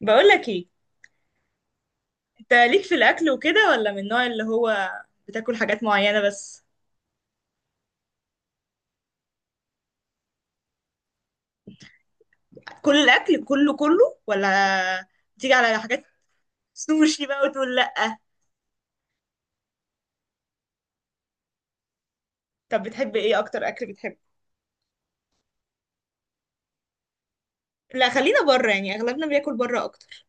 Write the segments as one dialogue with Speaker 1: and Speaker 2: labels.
Speaker 1: بقول لك ايه؟ انت ليك في الاكل وكده، ولا من النوع اللي هو بتاكل حاجات معينه بس؟ كل الاكل كله كله، ولا تيجي على حاجات؟ سوشي بقى وتقول لا؟ طب بتحب ايه اكتر اكل بتحبه؟ لا خلينا بره، يعني اغلبنا بياكل بره اكتر.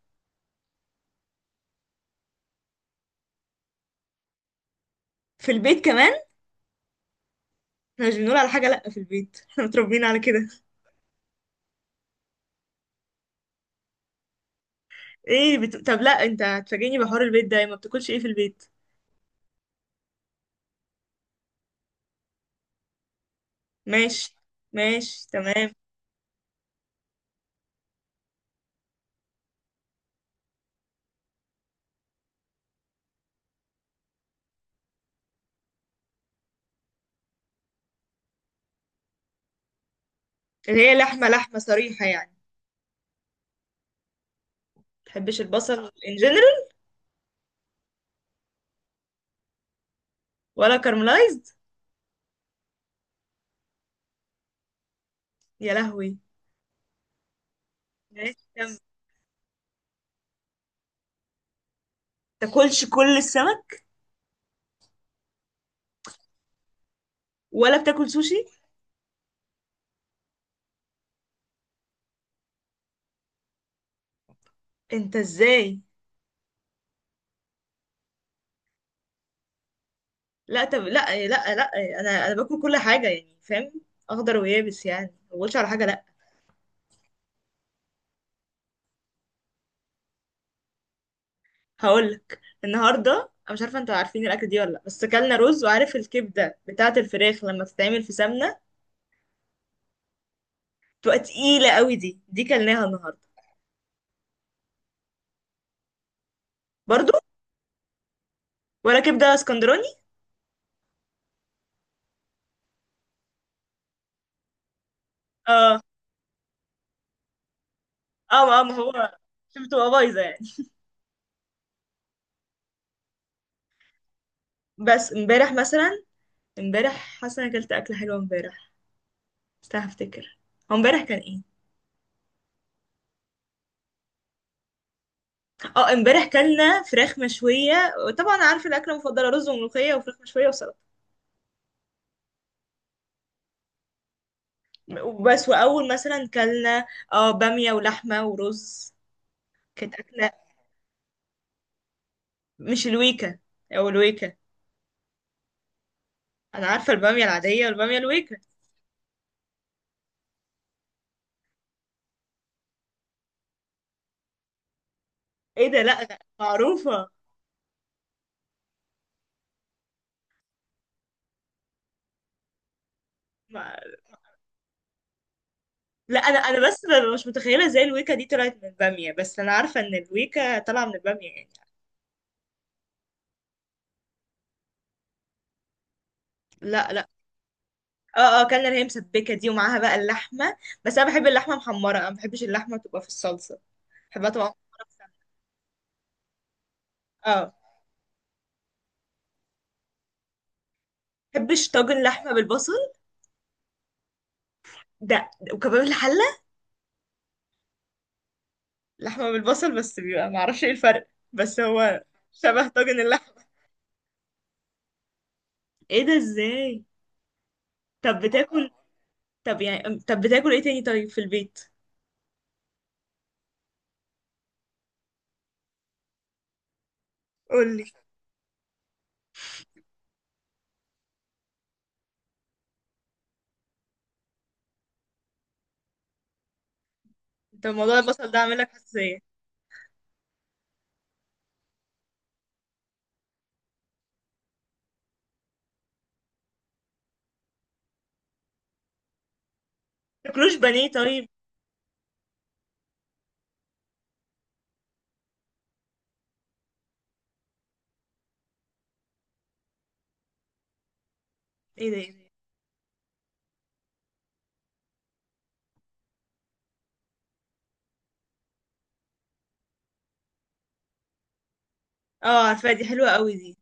Speaker 1: في البيت كمان؟ احنا مش بنقول على حاجه لا في البيت، احنا متربيين على كده. ايه طب، لا، انت هتفاجئني بحوار البيت ده، ما بتاكلش ايه في البيت؟ ماشي. ماشي، تمام. اللي هي لحمه لحمه صريحه يعني، ما بتحبش البصل ان جنرال؟ ولا كارملايزد؟ يا لهوي. ماشي، كمل. تاكلش كل السمك؟ ولا بتاكل سوشي؟ انت ازاي؟ لا، طب، لا، لا، لا، انا باكل كل حاجه يعني فاهم، اخضر ويابس، يعني ما بقولش على حاجه لا. هقولك النهارده، انا مش عارفه انتوا عارفين الاكل دي ولا لا، بس اكلنا رز، وعارف الكبده بتاعه الفراخ لما بتتعمل في سمنه بتبقى تقيله قوي، دي كلناها النهارده. برضو؟ ولا كبده اسكندراني؟ اه، اه، اه، ما هو شو بتبقى بايظه يعني. بس امبارح مثلا، امبارح حاسه انا اكلت اكله حلوه امبارح، استنى هفتكر، هو امبارح كان ايه؟ اه، امبارح كلنا فراخ مشويه، طبعا عارفه الاكله المفضله رز وملوخيه وفراخ مشويه وسلطه. وبس، واول مثلا كلنا اه باميه ولحمه ورز، كانت اكله. مش الويكا او الويكا؟ انا عارفه الباميه العاديه والباميه الويكا. ايه ده؟ لا، لا، معروفه. ما... لا، انا بس ببقى مش متخيله ازاي الويكا دي طلعت من الباميه، بس انا عارفه ان الويكا طالعه من الباميه يعني. لا. اه، اه، كان اللي هي مسبكه دي ومعاها بقى اللحمه، بس انا بحب اللحمه محمره، انا ما بحبش اللحمه تبقى في الصلصه، بحبها تبقى محمره في سمنة. اه. ما بحبش طاجن لحمه بالبصل. وكباب الحله، لحمه بالبصل، بس بيبقى ما اعرفش ايه الفرق، بس هو شبه طاجن اللحمه. ايه ده؟ ازاي؟ طب بتاكل طب بتاكل ايه تاني طيب في البيت؟ قولي. انت موضوع البصل ده عامل لك حساسيه؟ تاكلوش بانيه طيب؟ ايه ده؟ ايه ده؟ اه عارفه دي، حلوه قوي دي.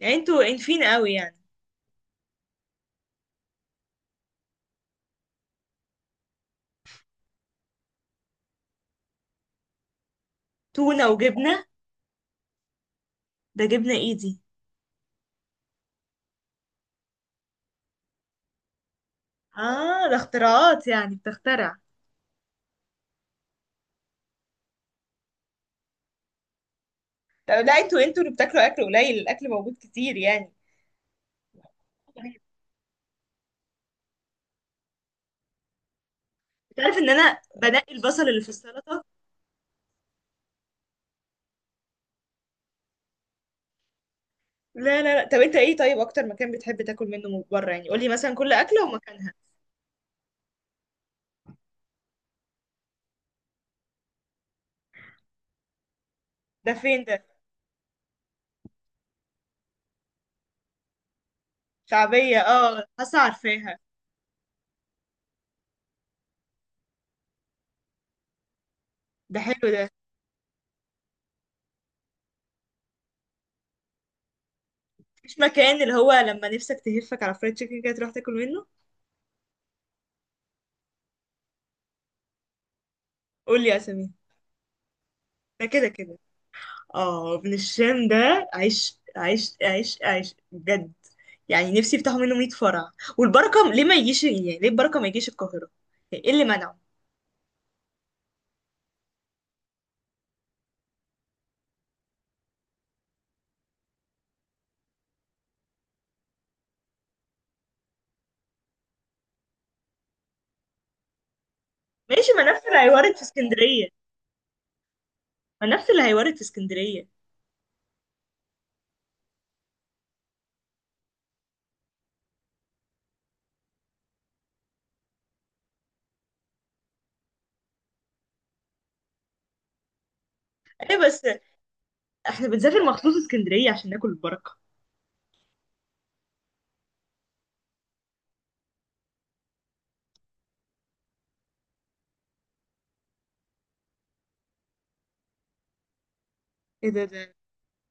Speaker 1: يعني انتوا انفين قوي يعني. تونه وجبنه؟ ده جبنه ايدي؟ اه، ده اختراعات يعني، بتخترع. طب لا، انتوا اللي بتاكلوا اكل قليل، الاكل موجود كتير يعني. تعرف ان انا بنقي البصل اللي في السلطة؟ لا، لا، لا، طب انت ايه طيب؟ اكتر مكان بتحب تاكل منه من بره، يعني قولي مثلا كل اكله ومكانها. ده فين ده؟ شعبية، اه، حاسة عارفاها. ده حلو ده. مفيش مكان اللي هو لما نفسك تهفك على فرايد تشيكن كده تروح تاكل منه؟ قول لي يا سمير. ده كده كده. اه، ابن الشام ده عيش عيش عيش عيش بجد، يعني نفسي يفتحوا منه 100 فرع. والبركه ليه ما يجيش، يعني ليه البركه ما يجيش القاهره؟ يعني ايه اللي منعه؟ ماشي، ما نفس اللي هيوارد في اسكندريه. ما نفس اللي هيوارد في اسكندريه. ايه بس، احنا بنسافر مخصوص اسكندريه عشان ناكل البركه. ايه ده؟ ده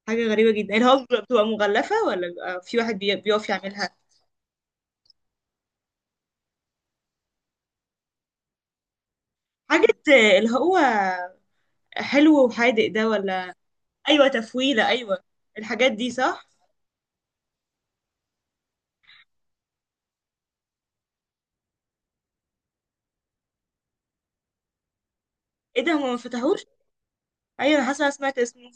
Speaker 1: حاجه غريبه جدا. اللي هو بتبقى مغلفه، ولا بيبقى في واحد بيقف يعملها؟ حاجه اللي هو حلو وحادق ده، ولا؟ ايوه تفويله، ايوه. الحاجات دي صح؟ ايه ده؟ هما ما فتحوش؟ ايوه، انا حاسه إن أنا سمعت اسمه.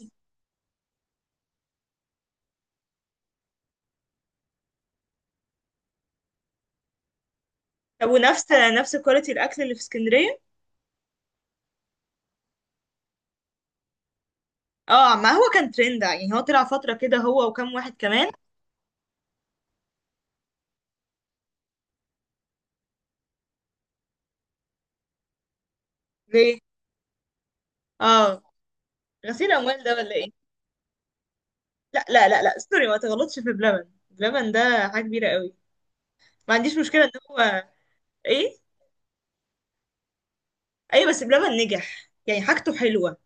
Speaker 1: طب ونفس نفس كواليتي الاكل اللي في اسكندريه؟ اه، ما هو كان ترند يعني، هو طلع فتره كده هو وكم واحد كمان. ليه؟ اه. غسيل اموال ده ولا ايه؟ لا، لا، لا، لا، سوري، ما تغلطش في بلبن، بلبن ده حاجه كبيره قوي، ما عنديش مشكله ان هو. ايه؟ ايوه، بس بلبن نجح، يعني حاجته حلوه.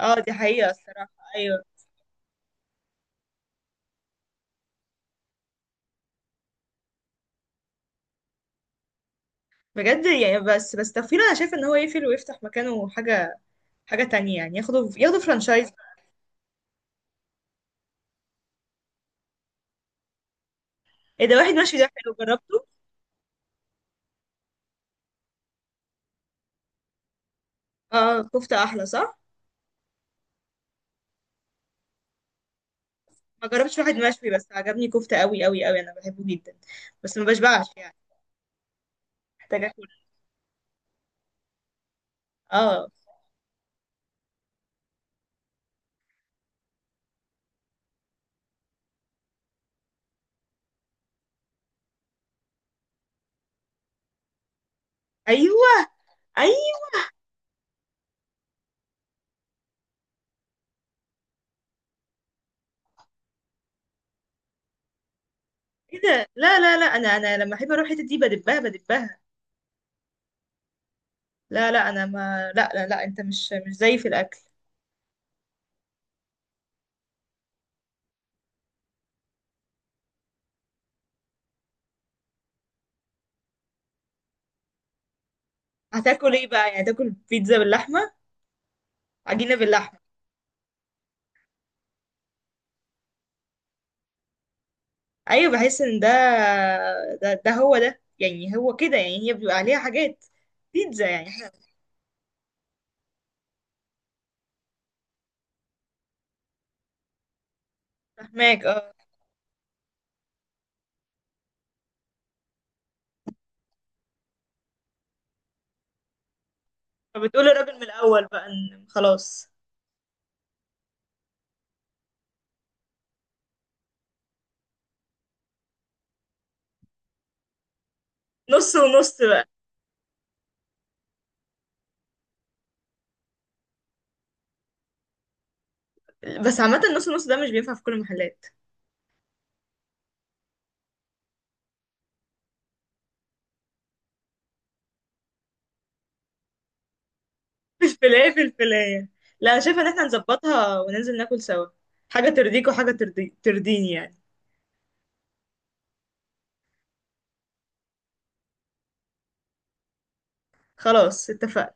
Speaker 1: اه، دي حقيقه الصراحه. ايوه. بجد يعني، بس تفكير، انا شايف ان هو يقفل ويفتح مكانه حاجه، حاجه تانية يعني، ياخده فرانشايز. ايه ده؟ واحد ماشي، ده حلو، جربته. اه، كفته احلى صح؟ ما جربتش واحد مشوي، بس عجبني كفتة قوي قوي قوي، انا بحبه جدا. بس ما بشبعش يعني. محتاجة اكل. اه. ايوه، ايوه. كده؟ لا، لا، لا، انا لما احب اروح الحتة دي بدبها بدبها. لا، لا، انا ما لا، لا، لا، انت مش زيي في الاكل. هتاكل ايه بقى يعني؟ تاكل بيتزا باللحمة؟ عجينة باللحمة؟ ايوه، بحس ان ده، ده هو ده يعني، هو كده يعني، هي بيبقى عليها حاجات. بيتزا يعني. فاهماك، اه. فبتقول الراجل من الاول بقى إن خلاص، نص ونص بقى. بس عامة النص نص ده مش بينفع في كل المحلات. الفلاية في الفلاية. لا، أنا شايفة ان احنا نظبطها وننزل ناكل سوا، حاجة ترضيك وحاجة ترضيني يعني. خلاص اتفقنا